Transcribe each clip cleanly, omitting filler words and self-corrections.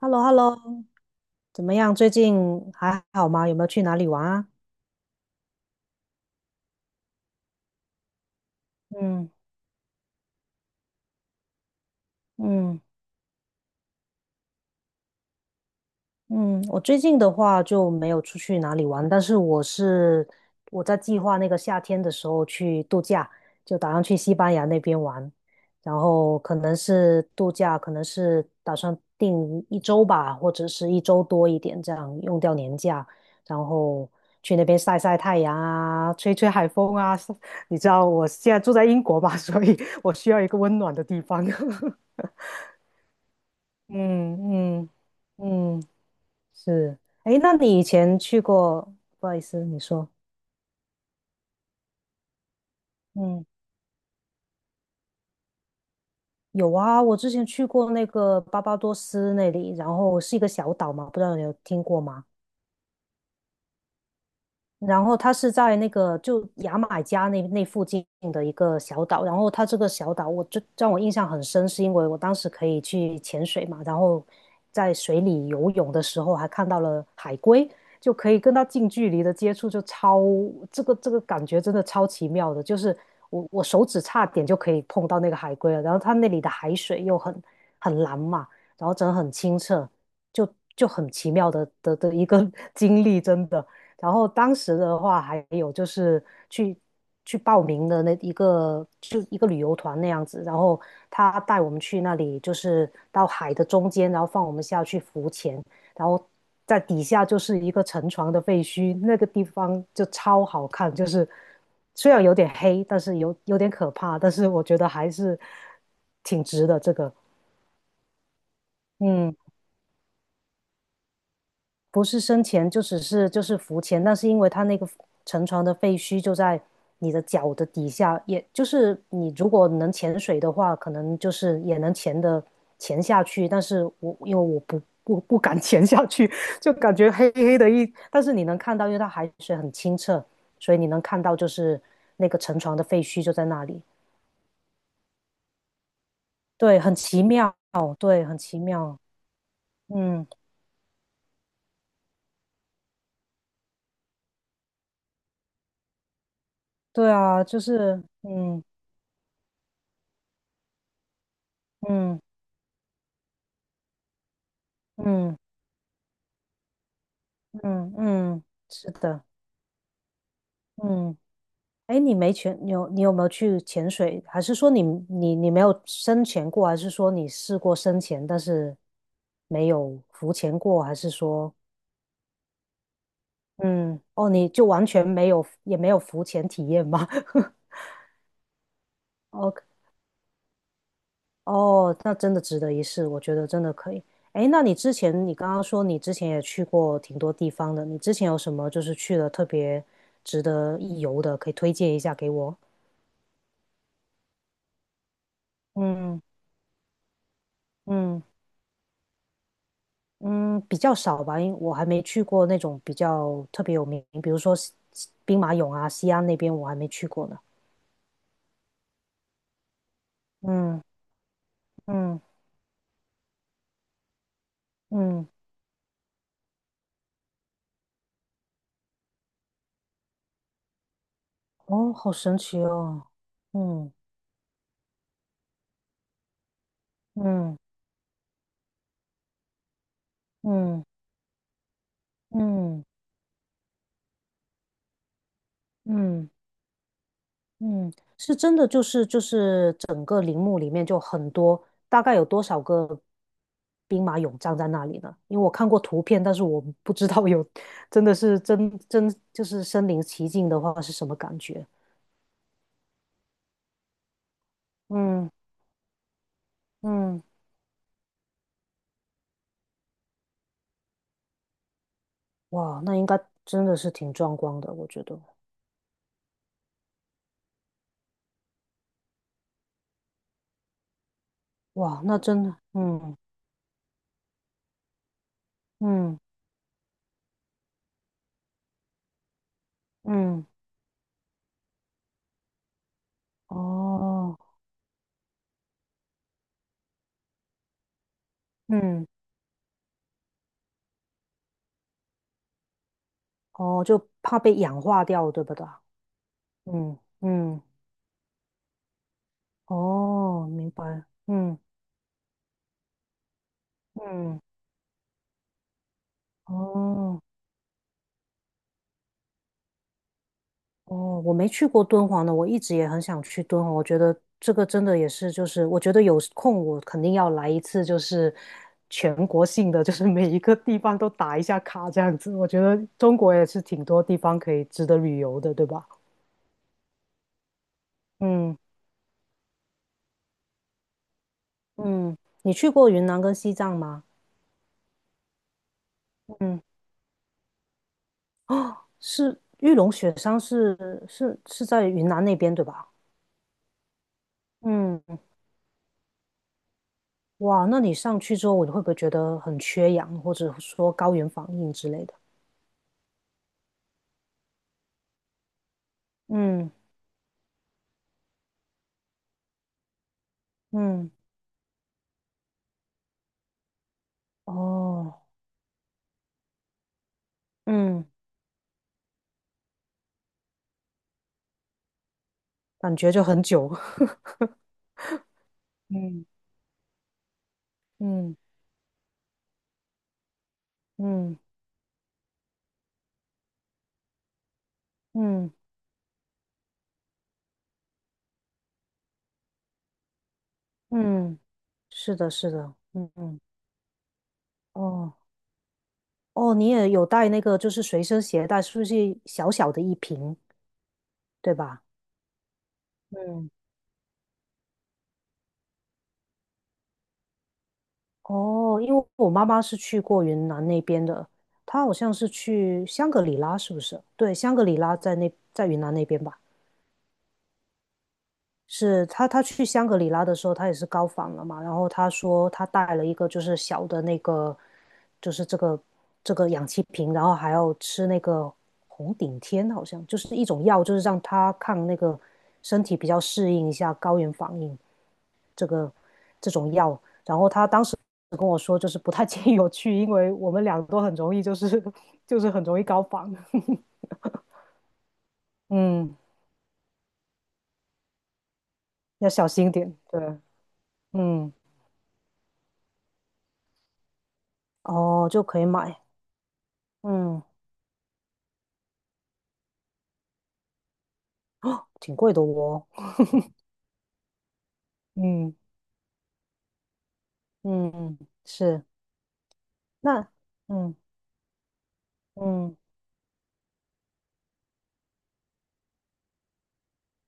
h e l l o h e l l o 怎么样？最近还好吗？有没有去哪里玩啊？嗯嗯，嗯，我最近的话就没有出去哪里玩，但是我在计划那个夏天的时候去度假，就打算去西班牙那边玩，然后可能是度假，可能是打算定一周吧，或者是一周多一点，这样用掉年假，然后去那边晒晒太阳啊，吹吹海风啊。你知道我现在住在英国吧，所以我需要一个温暖的地方。嗯嗯嗯。是，哎，那你以前去过？不好意思，你说。嗯，有啊，我之前去过那个巴巴多斯那里，然后是一个小岛嘛，不知道你有听过吗？然后它是在那个就牙买加那附近的一个小岛，然后它这个小岛我就让我印象很深，是因为我当时可以去潜水嘛，然后在水里游泳的时候还看到了海龟，就可以跟它近距离的接触，这个感觉真的超奇妙的，就是我手指差点就可以碰到那个海龟了，然后它那里的海水又很蓝嘛，然后真的很清澈，就就很奇妙的一个 经历，真的。然后当时的话，还有就是去去报名的那一个，就一个旅游团那样子。然后他带我们去那里，就是到海的中间，然后放我们下去浮潜，然后在底下就是一个沉船的废墟，那个地方就超好看。就是虽然有点黑，但是有点可怕，但是我觉得还是挺值的。这个，嗯不是生潜就只是就是浮潜，但是因为它那个沉船的废墟就在你的脚的底下，也就是你如果能潜水的话，可能就是也能潜下去。但是因为我不敢 潜下去，就感觉黑黑的一，但是你能看到，因为它海水很清澈，所以你能看到就是那个沉船的废墟就在那里。对，很奇妙，对，很奇妙。嗯，对啊，就是嗯嗯。嗯嗯，是的，嗯，哎，你有没有去潜水？还是说你没有深潜过？还是说你试过深潜，但是没有浮潜过？还是说，嗯，哦，你就完全没有也没有浮潜体验吗 ？OK，哦，那真的值得一试，我觉得真的可以。哎，那你之前你刚刚说你之前也去过挺多地方的，你之前有什么就是去了特别值得一游的，可以推荐一下给我？嗯嗯。嗯，比较少吧，因为我还没去过那种比较特别有名，比如说兵马俑啊、西安那边我还没去过呢。嗯嗯嗯，哦，好神奇哦。嗯嗯嗯嗯嗯嗯，是真的，就是整个陵墓里面就很多，大概有多少个兵马俑站在那里呢？因为我看过图片，但是我不知道有 真的是真就是身临其境的话是什么感觉。嗯。嗯，哇，那应该真的是挺壮观的，我觉得。哇，那真的，嗯嗯嗯，哦，嗯哦，就怕被氧化掉，对不对？嗯嗯，哦，明白，嗯嗯，哦。哦，我没去过敦煌呢，我一直也很想去敦煌。我觉得这个真的也是，就是我觉得有空我肯定要来一次，就是全国性的，就是每一个地方都打一下卡这样子。我觉得中国也是挺多地方可以值得旅游的，对吧？嗯嗯，你去过云南跟西藏吗？嗯，哦，玉龙雪山是在云南那边对吧？嗯，哇，那你上去之后，你会不会觉得很缺氧，或者说高原反应之类的？嗯。嗯，哦，嗯，感觉就很久。嗯，嗯嗯嗯嗯，是的，是的，嗯嗯，哦哦，你也有带那个，就是随身携带，是不是小小的一瓶，对吧？嗯，哦，因为我妈妈是去过云南那边的，她好像是去香格里拉，是不是？对，香格里拉在那，在云南那边吧？是他，他去香格里拉的时候，他也是高仿了嘛。然后他说他带了一个就是小的那个，就是这个氧气瓶，然后还要吃那个红顶天，好像就是一种药，就是让他抗那个身体比较适应一下高原反应这个这种药。然后他当时跟我说，就是不太建议我去，因为我们俩都很容易就是很容易高仿，嗯，要小心点，对，嗯，哦，就可以买，嗯。挺贵的哦。嗯嗯嗯，是。那嗯嗯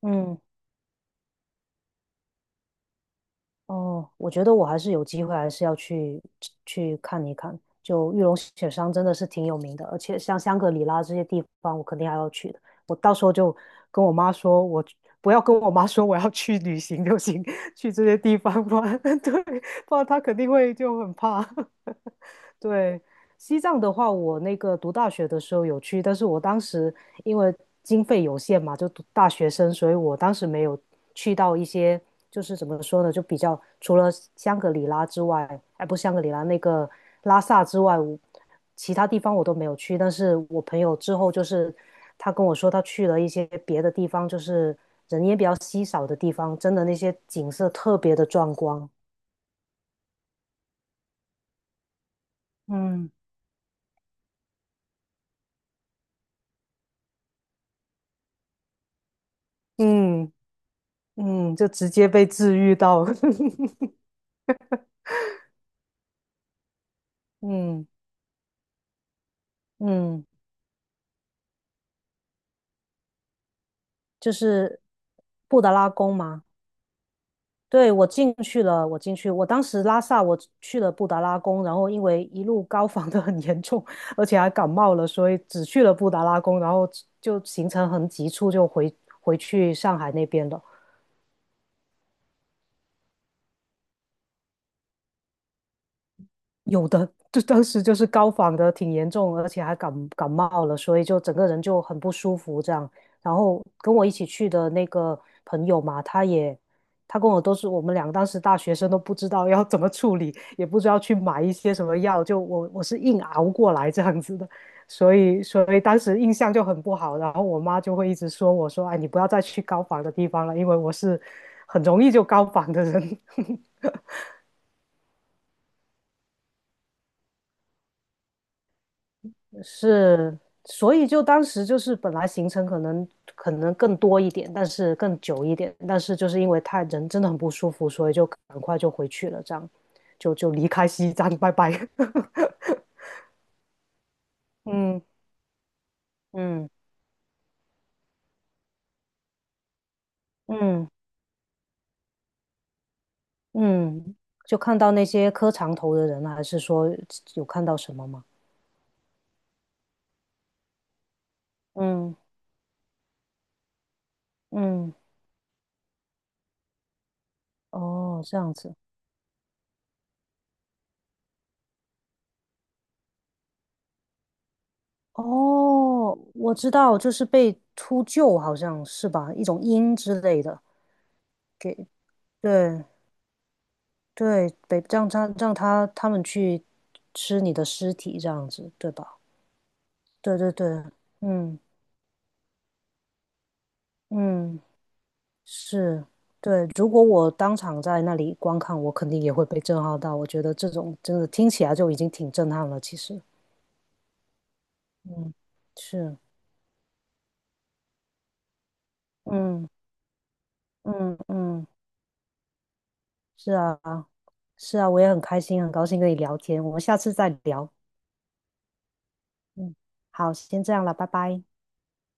嗯哦，我觉得我还是有机会，还是要去看一看。就玉龙雪山真的是挺有名的，而且像香格里拉这些地方，我肯定还要去的。我到时候就跟我妈说，不要跟我妈说我要去旅行就行，去这些地方，不然 对，不然她肯定会就很怕。对，西藏的话，我那个读大学的时候有去，但是我当时因为经费有限嘛，就读大学生，所以我当时没有去到一些，就是怎么说呢，就比较除了香格里拉之外，哎，不是香格里拉，那个拉萨之外，其他地方我都没有去。但是我朋友之后就是他跟我说，他去了一些别的地方，就是人也比较稀少的地方，真的那些景色特别的壮观。嗯，嗯，嗯，就直接被治愈到，嗯嗯，就是布达拉宫嘛。对，我进去了，我进去，我当时拉萨我去了布达拉宫，然后因为一路高反的很严重，而且还感冒了，所以只去了布达拉宫，然后就行程很急促，就回去上海那边了。有的，就当时就是高反的挺严重，而且还感冒了，所以就整个人就很不舒服这样。然后跟我一起去的那个朋友嘛，他跟我都是我们两个当时大学生都不知道要怎么处理，也不知道去买一些什么药，就我是硬熬过来这样子的，所以当时印象就很不好。然后我妈就会一直说我说，哎，你不要再去高反的地方了，因为我是很容易就高反的人。是，所以就当时就是本来行程可能更多一点，但是更久一点，但是就是因为他人真的很不舒服，所以就很快就回去了，这样就离开西藏，拜拜。嗯嗯嗯嗯，就看到那些磕长头的人啊，还是说有看到什么吗？嗯嗯，哦，这样子。哦，我知道，就是被秃鹫，好像是吧，一种鹰之类的，给，对，对，北让他让他他们去吃你的尸体这样子，对吧？对对对，嗯嗯，是，对。如果我当场在那里观看，我肯定也会被震撼到。我觉得这种真的听起来就已经挺震撼了，其实，嗯，是，嗯嗯嗯，是啊，是啊，我也很开心，很高兴跟你聊天。我们下次再聊。嗯，好，先这样了，拜拜。